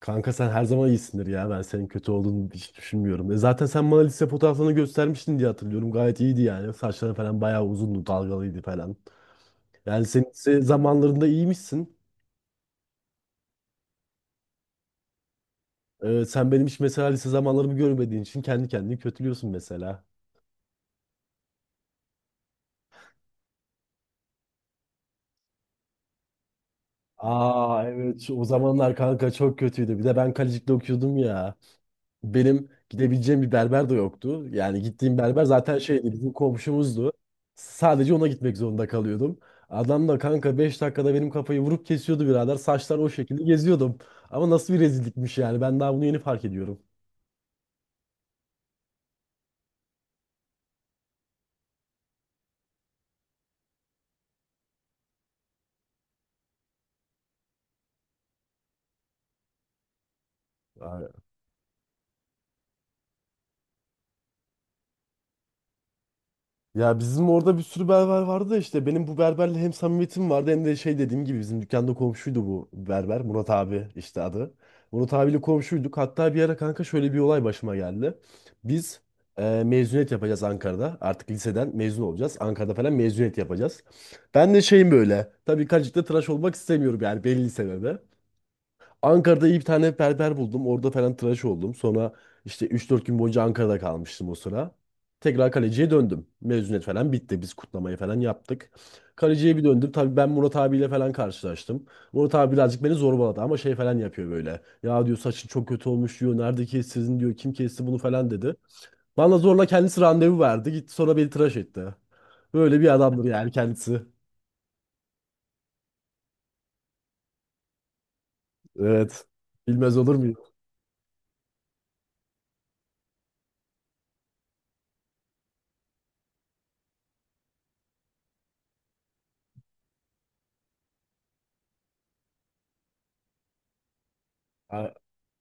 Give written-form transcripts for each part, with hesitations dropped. Kanka sen her zaman iyisindir ya. Ben senin kötü olduğunu hiç düşünmüyorum. E zaten sen bana lise fotoğraflarını göstermiştin diye hatırlıyorum. Gayet iyiydi yani. Saçların falan bayağı uzundu, dalgalıydı falan. Yani senin lise zamanlarında iyiymişsin. E, sen benim hiç mesela lise zamanlarımı görmediğin için kendi kendini kötülüyorsun mesela. Aa evet o zamanlar kanka çok kötüydü. Bir de ben Kalecik'te okuyordum ya. Benim gidebileceğim bir berber de yoktu. Yani gittiğim berber zaten şeydi bizim komşumuzdu. Sadece ona gitmek zorunda kalıyordum. Adam da kanka 5 dakikada benim kafayı vurup kesiyordu birader. Saçlar o şekilde geziyordum. Ama nasıl bir rezillikmiş yani. Ben daha bunu yeni fark ediyorum. Ya bizim orada bir sürü berber vardı da işte benim bu berberle hem samimiyetim vardı hem de şey dediğim gibi bizim dükkanda komşuydu bu berber Murat abi işte adı. Murat abiyle komşuyduk hatta bir ara kanka şöyle bir olay başıma geldi. Biz mezuniyet yapacağız Ankara'da, artık liseden mezun olacağız Ankara'da falan mezuniyet yapacağız. Ben de şeyim böyle, tabii kaçıkta tıraş olmak istemiyorum yani, belli sebebi. Ankara'da iyi bir tane berber buldum. Orada falan tıraş oldum. Sonra işte 3-4 gün boyunca Ankara'da kalmıştım o sıra. Tekrar Kaleci'ye döndüm. Mezuniyet falan bitti. Biz kutlamayı falan yaptık. Kaleci'ye bir döndüm. Tabii ben Murat abiyle falan karşılaştım. Murat abi birazcık beni zorbaladı ama şey falan yapıyor böyle. Ya diyor, saçın çok kötü olmuş diyor. Nerede kestirdin diyor. Kim kesti bunu falan dedi. Bana zorla kendisi randevu verdi. Gitti sonra beni tıraş etti. Böyle bir adamdır yani kendisi. Evet. Bilmez olur muyum?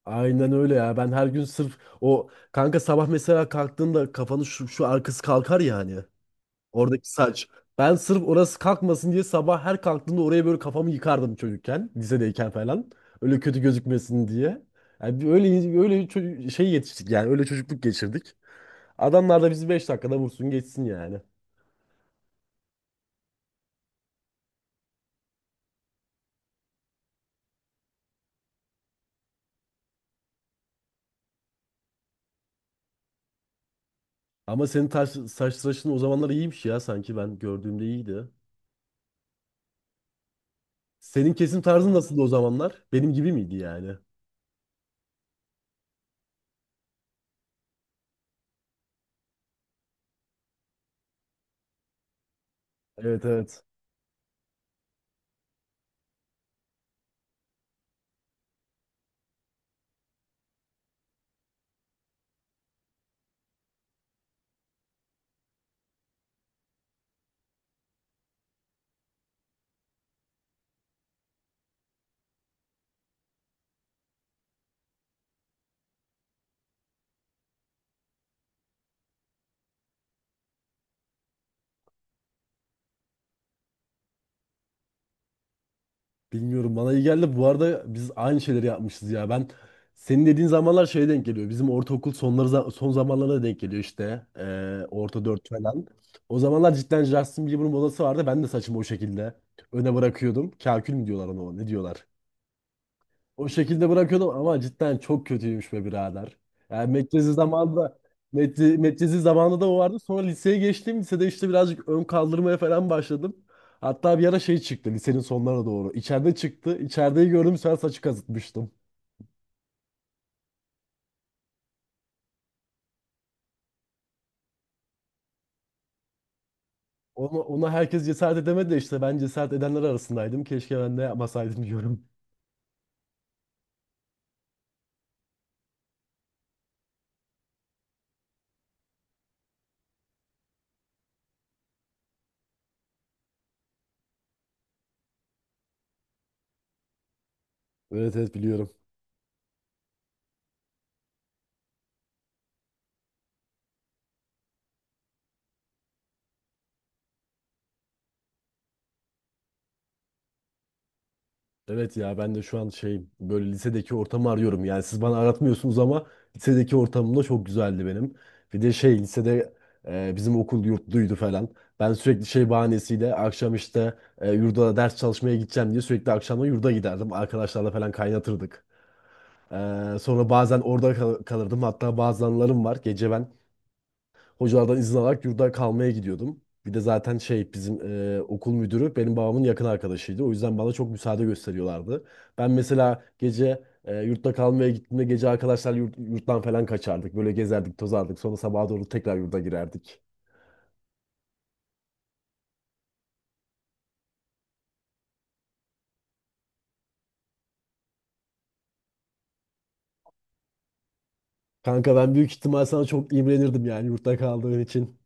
Aynen öyle ya. Ben her gün sırf o kanka, sabah mesela kalktığında kafanın şu arkası kalkar yani. Oradaki saç. Ben sırf orası kalkmasın diye sabah her kalktığımda oraya böyle kafamı yıkardım çocukken. Lisedeyken falan. Öyle kötü gözükmesin diye. Yani bir öyle öyle şey yetiştik yani. Öyle çocukluk geçirdik. Adamlar da bizi 5 dakikada vursun geçsin yani. Ama senin saç tıraşın o zamanlar iyiymiş ya, sanki ben gördüğümde iyiydi. Senin kesim tarzın nasıldı o zamanlar? Benim gibi miydi yani? Evet, evet. Bilmiyorum, bana iyi geldi. Bu arada biz aynı şeyleri yapmışız ya. Ben senin dediğin zamanlar şeye denk geliyor. Bizim ortaokul sonları son zamanlarına denk geliyor işte. Orta dört falan. O zamanlar cidden Justin Bieber'ın modası vardı. Ben de saçımı o şekilde öne bırakıyordum. Kakül mü diyorlar ona? Ne diyorlar? O şekilde bırakıyordum ama cidden çok kötüymüş be birader. Yani Medcezir zamanında Medcezir zamanında da o vardı. Sonra liseye geçtim. Lisede işte birazcık ön kaldırmaya falan başladım. Hatta bir ara şey çıktı lisenin sonlarına doğru. İçeride çıktı. İçerideyi gördüm, sen saçı kazıtmıştım. Ona herkes cesaret edemedi de işte ben cesaret edenler arasındaydım. Keşke ben de yapmasaydım diyorum. Evet, evet, biliyorum. Evet ya, ben de şu an şey böyle lisedeki ortamı arıyorum. Yani siz bana aratmıyorsunuz ama lisedeki ortamım da çok güzeldi benim. Bir de şey lisede bizim okul yurtluydu falan. Ben sürekli şey bahanesiyle akşam işte yurda ders çalışmaya gideceğim diye sürekli akşamda yurda giderdim. Arkadaşlarla falan kaynatırdık. E, sonra bazen orada kalırdım. Hatta bazı anılarım var. Gece ben hocalardan izin alarak yurda kalmaya gidiyordum. Bir de zaten şey bizim okul müdürü benim babamın yakın arkadaşıydı. O yüzden bana çok müsaade gösteriyorlardı. Ben mesela gece yurtta kalmaya gittiğimde gece arkadaşlar yurttan falan kaçardık. Böyle gezerdik, tozardık. Sonra sabaha doğru tekrar yurda girerdik. Kanka ben büyük ihtimal sana çok imrenirdim yani, yurtta kaldığın için.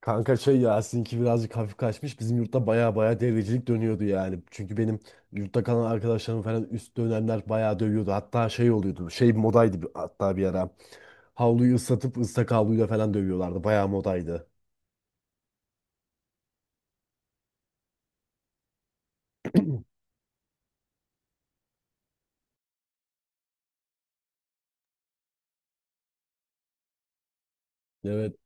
Kanka şey ya, sizinki birazcık hafif kaçmış. Bizim yurtta baya baya devrecilik dönüyordu yani. Çünkü benim yurtta kalan arkadaşlarım falan üst dönemler baya dövüyordu. Hatta şey oluyordu. Şey modaydı hatta bir ara. Havluyu ıslatıp ıslak havluyla falan dövüyorlardı. Baya modaydı. Evet,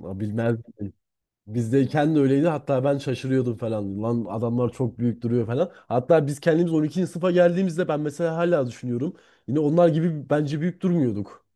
bilmez miyim? Bizdeyken de öyleydi. Hatta ben şaşırıyordum falan. Lan adamlar çok büyük duruyor falan. Hatta biz kendimiz 12. sınıfa geldiğimizde ben mesela hala düşünüyorum. Yine onlar gibi bence büyük durmuyorduk.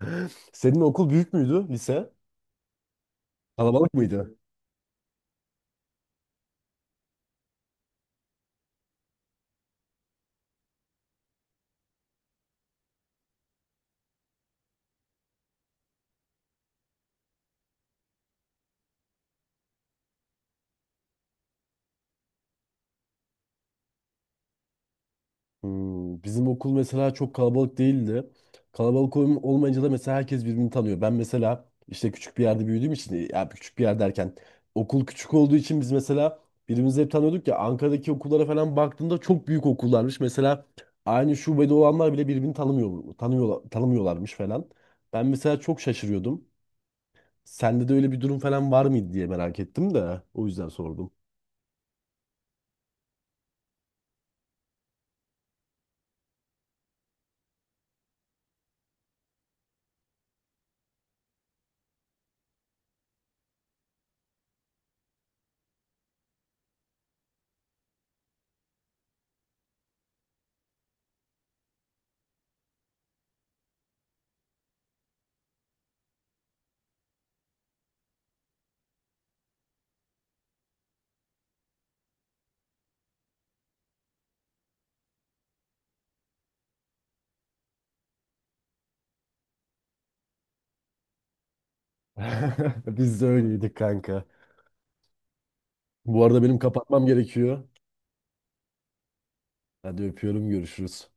Senin okul büyük müydü lise? Kalabalık mıydı? Hmm, bizim okul mesela çok kalabalık değildi. Olmayınca da mesela herkes birbirini tanıyor. Ben mesela işte küçük bir yerde büyüdüğüm için, ya küçük bir yer derken, okul küçük olduğu için biz mesela birbirimizi hep tanıyorduk ya. Ankara'daki okullara falan baktığımda çok büyük okullarmış. Mesela aynı şubede olanlar bile birbirini tanımıyorlarmış falan. Ben mesela çok şaşırıyordum. Sende de öyle bir durum falan var mıydı diye merak ettim de o yüzden sordum. Biz de öyleydik kanka. Bu arada benim kapatmam gerekiyor. Hadi, öpüyorum, görüşürüz.